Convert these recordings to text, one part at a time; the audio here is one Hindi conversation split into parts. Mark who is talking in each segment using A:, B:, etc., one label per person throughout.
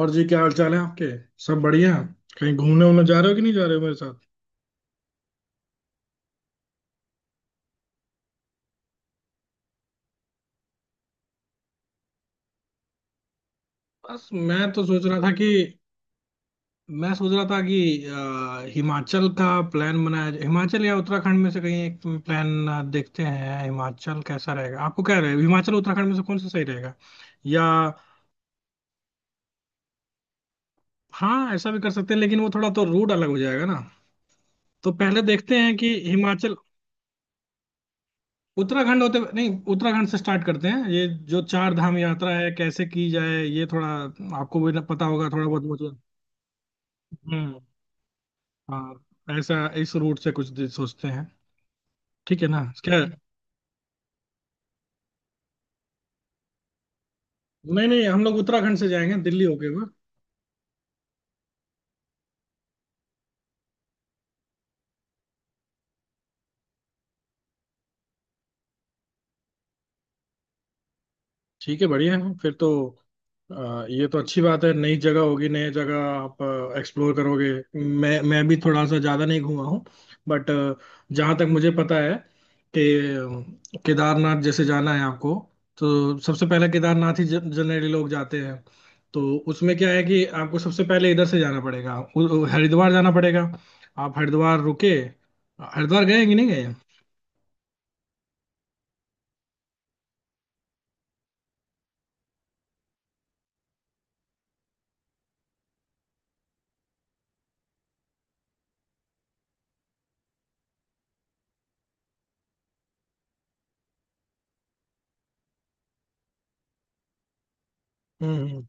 A: और जी क्या हाल चाल है आपके। सब बढ़िया। कहीं घूमने उमने जा रहे हो कि नहीं जा रहे हो मेरे साथ। बस मैं तो सोच रहा था कि मैं सोच रहा था कि हिमाचल का प्लान बनाया जाए। हिमाचल या उत्तराखंड में से कहीं एक प्लान। देखते हैं हिमाचल कैसा रहेगा। आपको क्या रहेगा हिमाचल उत्तराखंड में से कौन सा सही रहेगा या। हाँ, ऐसा भी कर सकते हैं, लेकिन वो थोड़ा तो रूट अलग हो जाएगा ना। तो पहले देखते हैं कि हिमाचल उत्तराखंड होते नहीं उत्तराखंड से स्टार्ट करते हैं। ये जो चार धाम यात्रा है कैसे की जाए, ये थोड़ा आपको भी पता होगा, थोड़ा बहुत मुझे। हम्म। हाँ, ऐसा इस रूट से कुछ दिन सोचते हैं। ठीक है ना क्या। नहीं नहीं, हम लोग उत्तराखंड से जाएंगे दिल्ली होके। ठीक है, बढ़िया है फिर तो। ये तो अच्छी बात है। नई जगह होगी, नई जगह आप एक्सप्लोर करोगे। मैं भी थोड़ा सा ज़्यादा नहीं घूमा हूँ। बट जहाँ तक मुझे पता है कि केदारनाथ जैसे जाना है आपको, तो सबसे पहले केदारनाथ ही जनरली लोग जाते हैं। तो उसमें क्या है कि आपको सबसे पहले इधर से जाना पड़ेगा, हरिद्वार जाना पड़ेगा। आप हरिद्वार रुके। हरिद्वार गए कि नहीं गए। हम्म।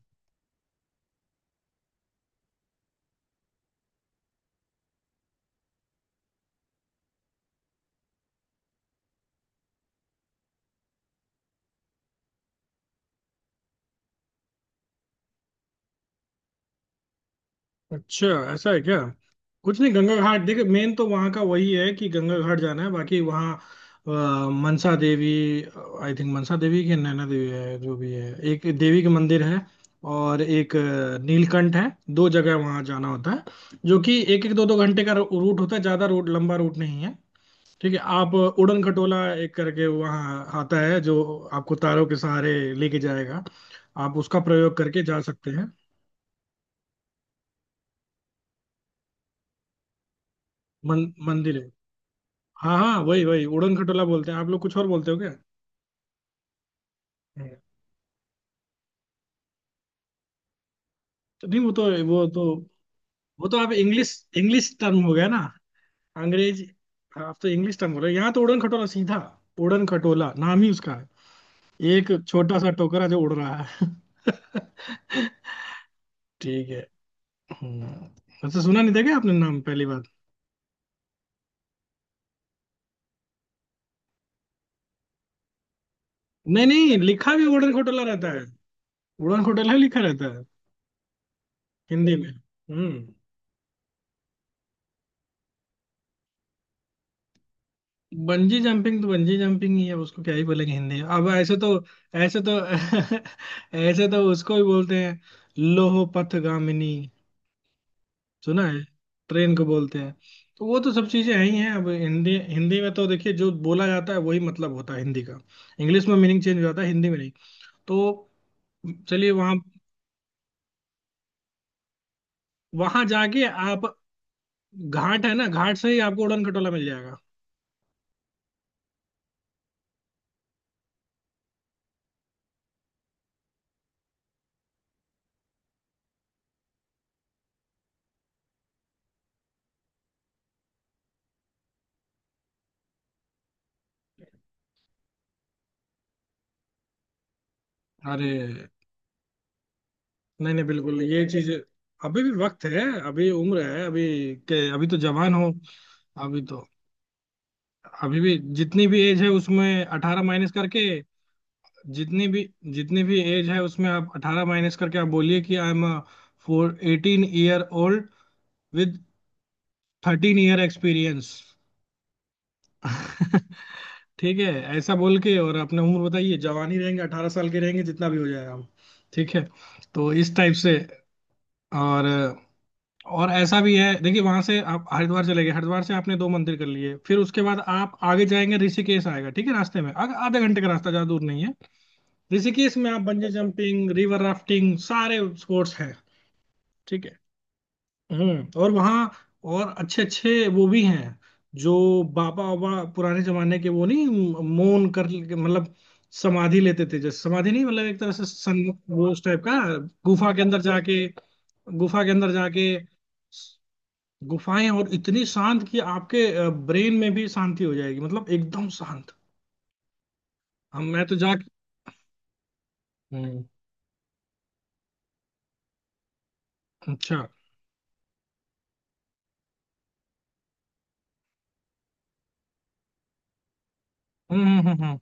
A: अच्छा, ऐसा है क्या। कुछ नहीं, गंगा घाट देख मेन तो वहाँ का वही है कि गंगा घाट जाना है। बाकी वहाँ अ, मनसा देवी, आई थिंक मनसा देवी की नैना देवी है, जो भी है एक देवी का मंदिर है। और एक नीलकंठ है। दो जगह वहाँ जाना होता है, जो कि एक एक दो दो घंटे का रूट होता है। ज़्यादा रूट, लंबा रूट नहीं है। ठीक है। आप उड़न खटोला एक करके वहाँ आता है, जो आपको तारों के सहारे लेके जाएगा। आप उसका प्रयोग करके जा सकते हैं। मंदिर है। हाँ हाँ, वही वही उड़न खटोला बोलते हैं। आप लोग कुछ और बोलते हो क्या। हम्म। तो नहीं, वो तो आप इंग्लिश इंग्लिश टर्म हो गया ना। अंग्रेज। आप तो इंग्लिश टर्म बोल रहे हो, यहाँ तो उड़न खटोला सीधा उड़न खटोला नाम ही उसका है। एक छोटा सा टोकरा जो उड़ रहा है। ठीक है। हम्म। वैसे सुना नहीं था क्या आपने नाम पहली बार। नहीं नहीं, लिखा भी उड़न खटोला रहता है। उड़न खटोला ही लिखा रहता है हिंदी में। हम्म। बंजी जंपिंग तो बंजी जंपिंग ही है, उसको क्या ही बोलेंगे हिंदी में। अब ऐसे तो ऐसे तो ऐसे तो उसको भी बोलते हैं लोहो पथगामिनी। सुना है ट्रेन को बोलते हैं। तो वो तो सब चीजें हैं ही हैं। अब हिंदी हिंदी में तो देखिए जो बोला जाता है वही मतलब होता है हिंदी का। इंग्लिश में मीनिंग चेंज हो जाता है, हिंदी में नहीं। तो चलिए वहां। वहां जाके आप घाट है ना, घाट से ही आपको उड़न खटोला मिल जाएगा। अरे नहीं नहीं, बिल्कुल ये चीज। अभी भी वक्त है, अभी उम्र है, अभी के अभी तो जवान हो। अभी तो अभी भी जितनी भी एज है उसमें 18 माइनस करके। जितनी भी जितनी भी एज है उसमें आप 18 माइनस करके आप बोलिए कि I am four eighteen year old with 13 year experience. ठीक है, ऐसा बोल के और अपने उम्र बताइए। जवान ही रहेंगे, 18 साल के रहेंगे जितना भी हो जाए हम। ठीक है, तो इस टाइप से। और और ऐसा भी है, देखिए वहां से आप हरिद्वार चले गए, हरिद्वार से आपने दो मंदिर कर लिए, फिर उसके बाद आप आगे जाएंगे ऋषिकेश आएगा। ठीक है, रास्ते में आगे आधे घंटे का रास्ता, ज्यादा दूर नहीं है। ऋषिकेश में आप बंजी जंपिंग, रिवर राफ्टिंग सारे स्पोर्ट्स हैं। ठीक है। हम्म। और वहाँ और अच्छे अच्छे वो भी हैं, जो बाबा बाबा पुराने जमाने के वो नहीं, मौन कर मतलब समाधि लेते थे। जैसे समाधि नहीं, मतलब एक तरह से सं वो उस टाइप का, गुफा के अंदर जाके गुफा के अंदर जाके गुफाएं और इतनी शांत कि आपके ब्रेन में भी शांति हो जाएगी, मतलब एकदम शांत। हम मैं तो जाके। हम्म। अच्छा। हम्म हम्म हम्म हम्म।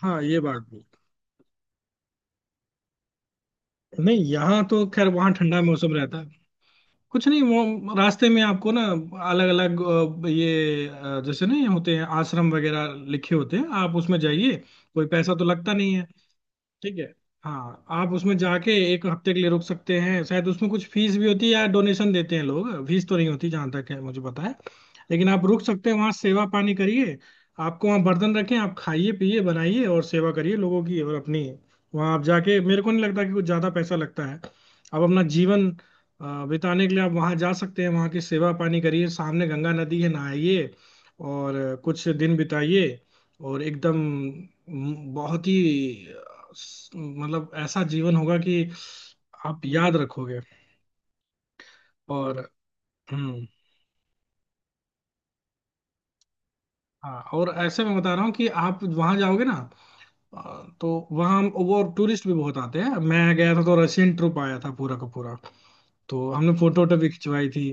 A: हाँ, ये बात भी। नहीं, यहाँ तो खैर वहाँ ठंडा मौसम रहता है। कुछ नहीं, वो रास्ते में आपको ना अलग अलग ये जैसे नहीं होते हैं आश्रम वगैरह लिखे होते हैं, आप उसमें जाइए। कोई पैसा तो लगता नहीं है। ठीक है। हाँ, आप उसमें जाके एक हफ्ते के लिए रुक सकते हैं, शायद उसमें कुछ फीस भी होती है या डोनेशन देते हैं लोग। फीस तो नहीं होती जहाँ तक है मुझे पता है। लेकिन आप रुक सकते हैं, वहाँ सेवा पानी करिए। आपको वहाँ बर्तन रखें, आप खाइए पिए बनाइए और सेवा करिए लोगों की और अपनी। वहाँ आप जाके मेरे को नहीं लगता कि कुछ ज़्यादा पैसा लगता है। आप अपना जीवन बिताने के लिए आप वहाँ जा सकते हैं। वहाँ की सेवा पानी करिए, सामने गंगा नदी है नहाइए, और कुछ दिन बिताइए। और एकदम बहुत ही मतलब ऐसा जीवन होगा कि आप याद रखोगे। और हम्म। हाँ, और ऐसे मैं बता रहा हूँ कि आप वहां जाओगे ना। तो वहाँ वो टूरिस्ट भी बहुत आते हैं। मैं गया था तो रशियन ट्रुप आया था पूरा का पूरा। तो हमने फोटो वोटो भी खिंचवाई थी।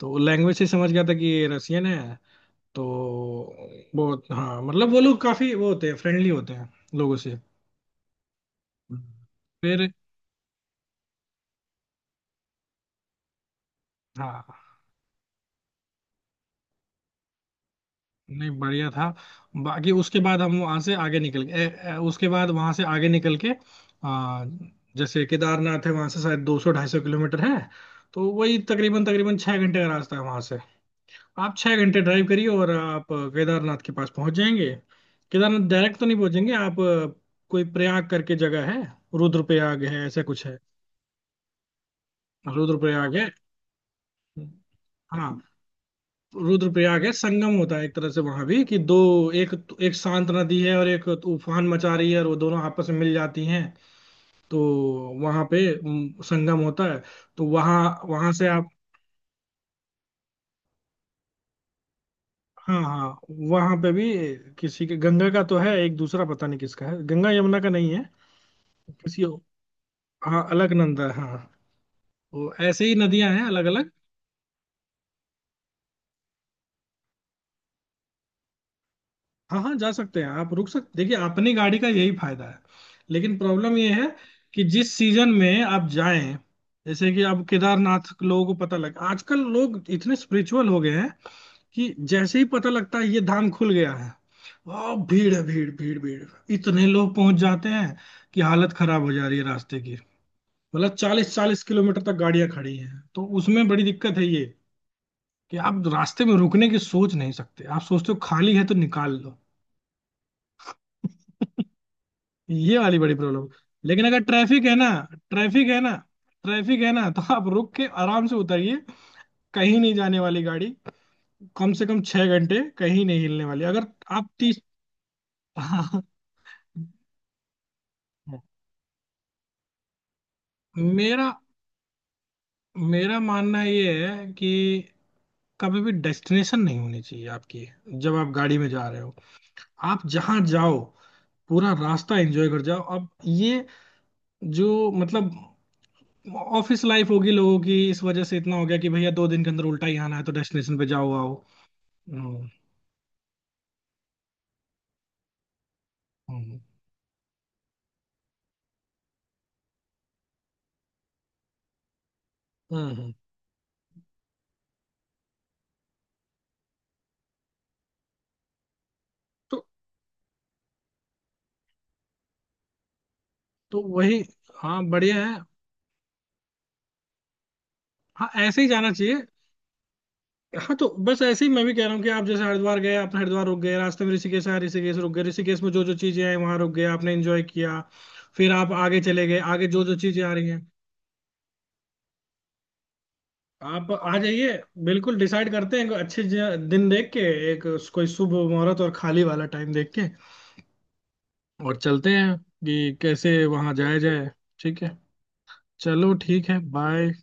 A: तो लैंग्वेज से समझ गया था कि ये रशियन है। तो बहुत, हाँ मतलब वो लोग काफी वो होते हैं, फ्रेंडली होते हैं लोगों से। हम्म। फिर। हाँ, नहीं बढ़िया था। बाकी उसके बाद हम वहां से आगे निकल गए। उसके बाद वहां से आगे निकल के आ, जैसे केदारनाथ है वहां से शायद 200 250 किलोमीटर है। तो वही तकरीबन तकरीबन 6 घंटे का रास्ता है वहां से। आप 6 घंटे ड्राइव करिए और आप केदारनाथ के पास पहुंच जाएंगे। केदारनाथ डायरेक्ट तो नहीं पहुंचेंगे आप। कोई प्रयाग करके जगह है, रुद्रप्रयाग है ऐसा कुछ है। रुद्रप्रयाग है हाँ। रुद्रप्रयाग है। संगम होता है एक तरह से वहां भी कि दो। एक एक शांत नदी है और एक तूफान मचा रही है और वो दोनों आपस में मिल जाती हैं। तो वहां पे संगम होता है। तो वहां वहां से आप। हाँ हाँ, वहां पे भी किसी के गंगा का तो है, एक दूसरा पता नहीं किसका है। गंगा यमुना का नहीं है। किसी हाँ, अलकनंदा है हाँ। वो ऐसे ही नदियां हैं अलग अलग। हाँ हाँ, जा सकते हैं, आप रुक सकते। देखिए अपनी गाड़ी का यही फायदा है। लेकिन प्रॉब्लम ये है कि जिस सीजन में आप जाएं। जैसे कि अब केदारनाथ लोगों को पता लग, आजकल लोग इतने स्पिरिचुअल हो गए हैं कि जैसे ही पता लगता है ये धाम खुल गया है, वाह भीड़ है, भीड़ भीड़ भीड़, इतने लोग पहुंच जाते हैं कि हालत खराब हो जा रही है रास्ते की। मतलब 40 40 किलोमीटर तक गाड़ियां खड़ी हैं, तो उसमें बड़ी दिक्कत है ये। कि आप रास्ते में रुकने की सोच नहीं सकते। आप सोचते हो खाली है तो निकाल लो। ये वाली बड़ी प्रॉब्लम। लेकिन अगर ट्रैफिक है ना, ट्रैफिक है ना ट्रैफिक है ना तो आप रुक के आराम से उतरिए। कहीं नहीं जाने वाली गाड़ी, कम से कम 6 घंटे कहीं नहीं हिलने वाली। अगर आप तीस हाँ। मेरा मेरा मानना ये है कि कभी भी डेस्टिनेशन नहीं होनी चाहिए आपकी जब आप गाड़ी में जा रहे हो। आप जहां जाओ, पूरा रास्ता एंजॉय कर जाओ। अब ये जो मतलब ऑफिस लाइफ होगी लोगों की इस वजह से इतना हो गया कि भैया 2 दिन के अंदर उल्टा ही आना है, तो डेस्टिनेशन पे जाओ आओ। हम्म हम्म हम्म। तो तो वही। हाँ, बढ़िया है। हाँ, ऐसे ही जाना चाहिए। हाँ, तो बस ऐसे ही मैं भी कह रहा हूँ कि आप जैसे हरिद्वार गए आपने हरिद्वार रुक गए, रास्ते में ऋषिकेश आया ऋषिकेश रुक गए, ऋषिकेश में जो जो चीजें आई वहां रुक गए, आपने एंजॉय किया। फिर आप आगे चले गए, आगे जो जो चीजें आ रही हैं। आप आ जाइए। बिल्कुल डिसाइड करते हैं, कोई अच्छे दिन देख के एक कोई शुभ मुहूर्त और खाली वाला टाइम देख के। और चलते हैं कि कैसे वहां जाया जाए। ठीक है। चलो ठीक है, बाय।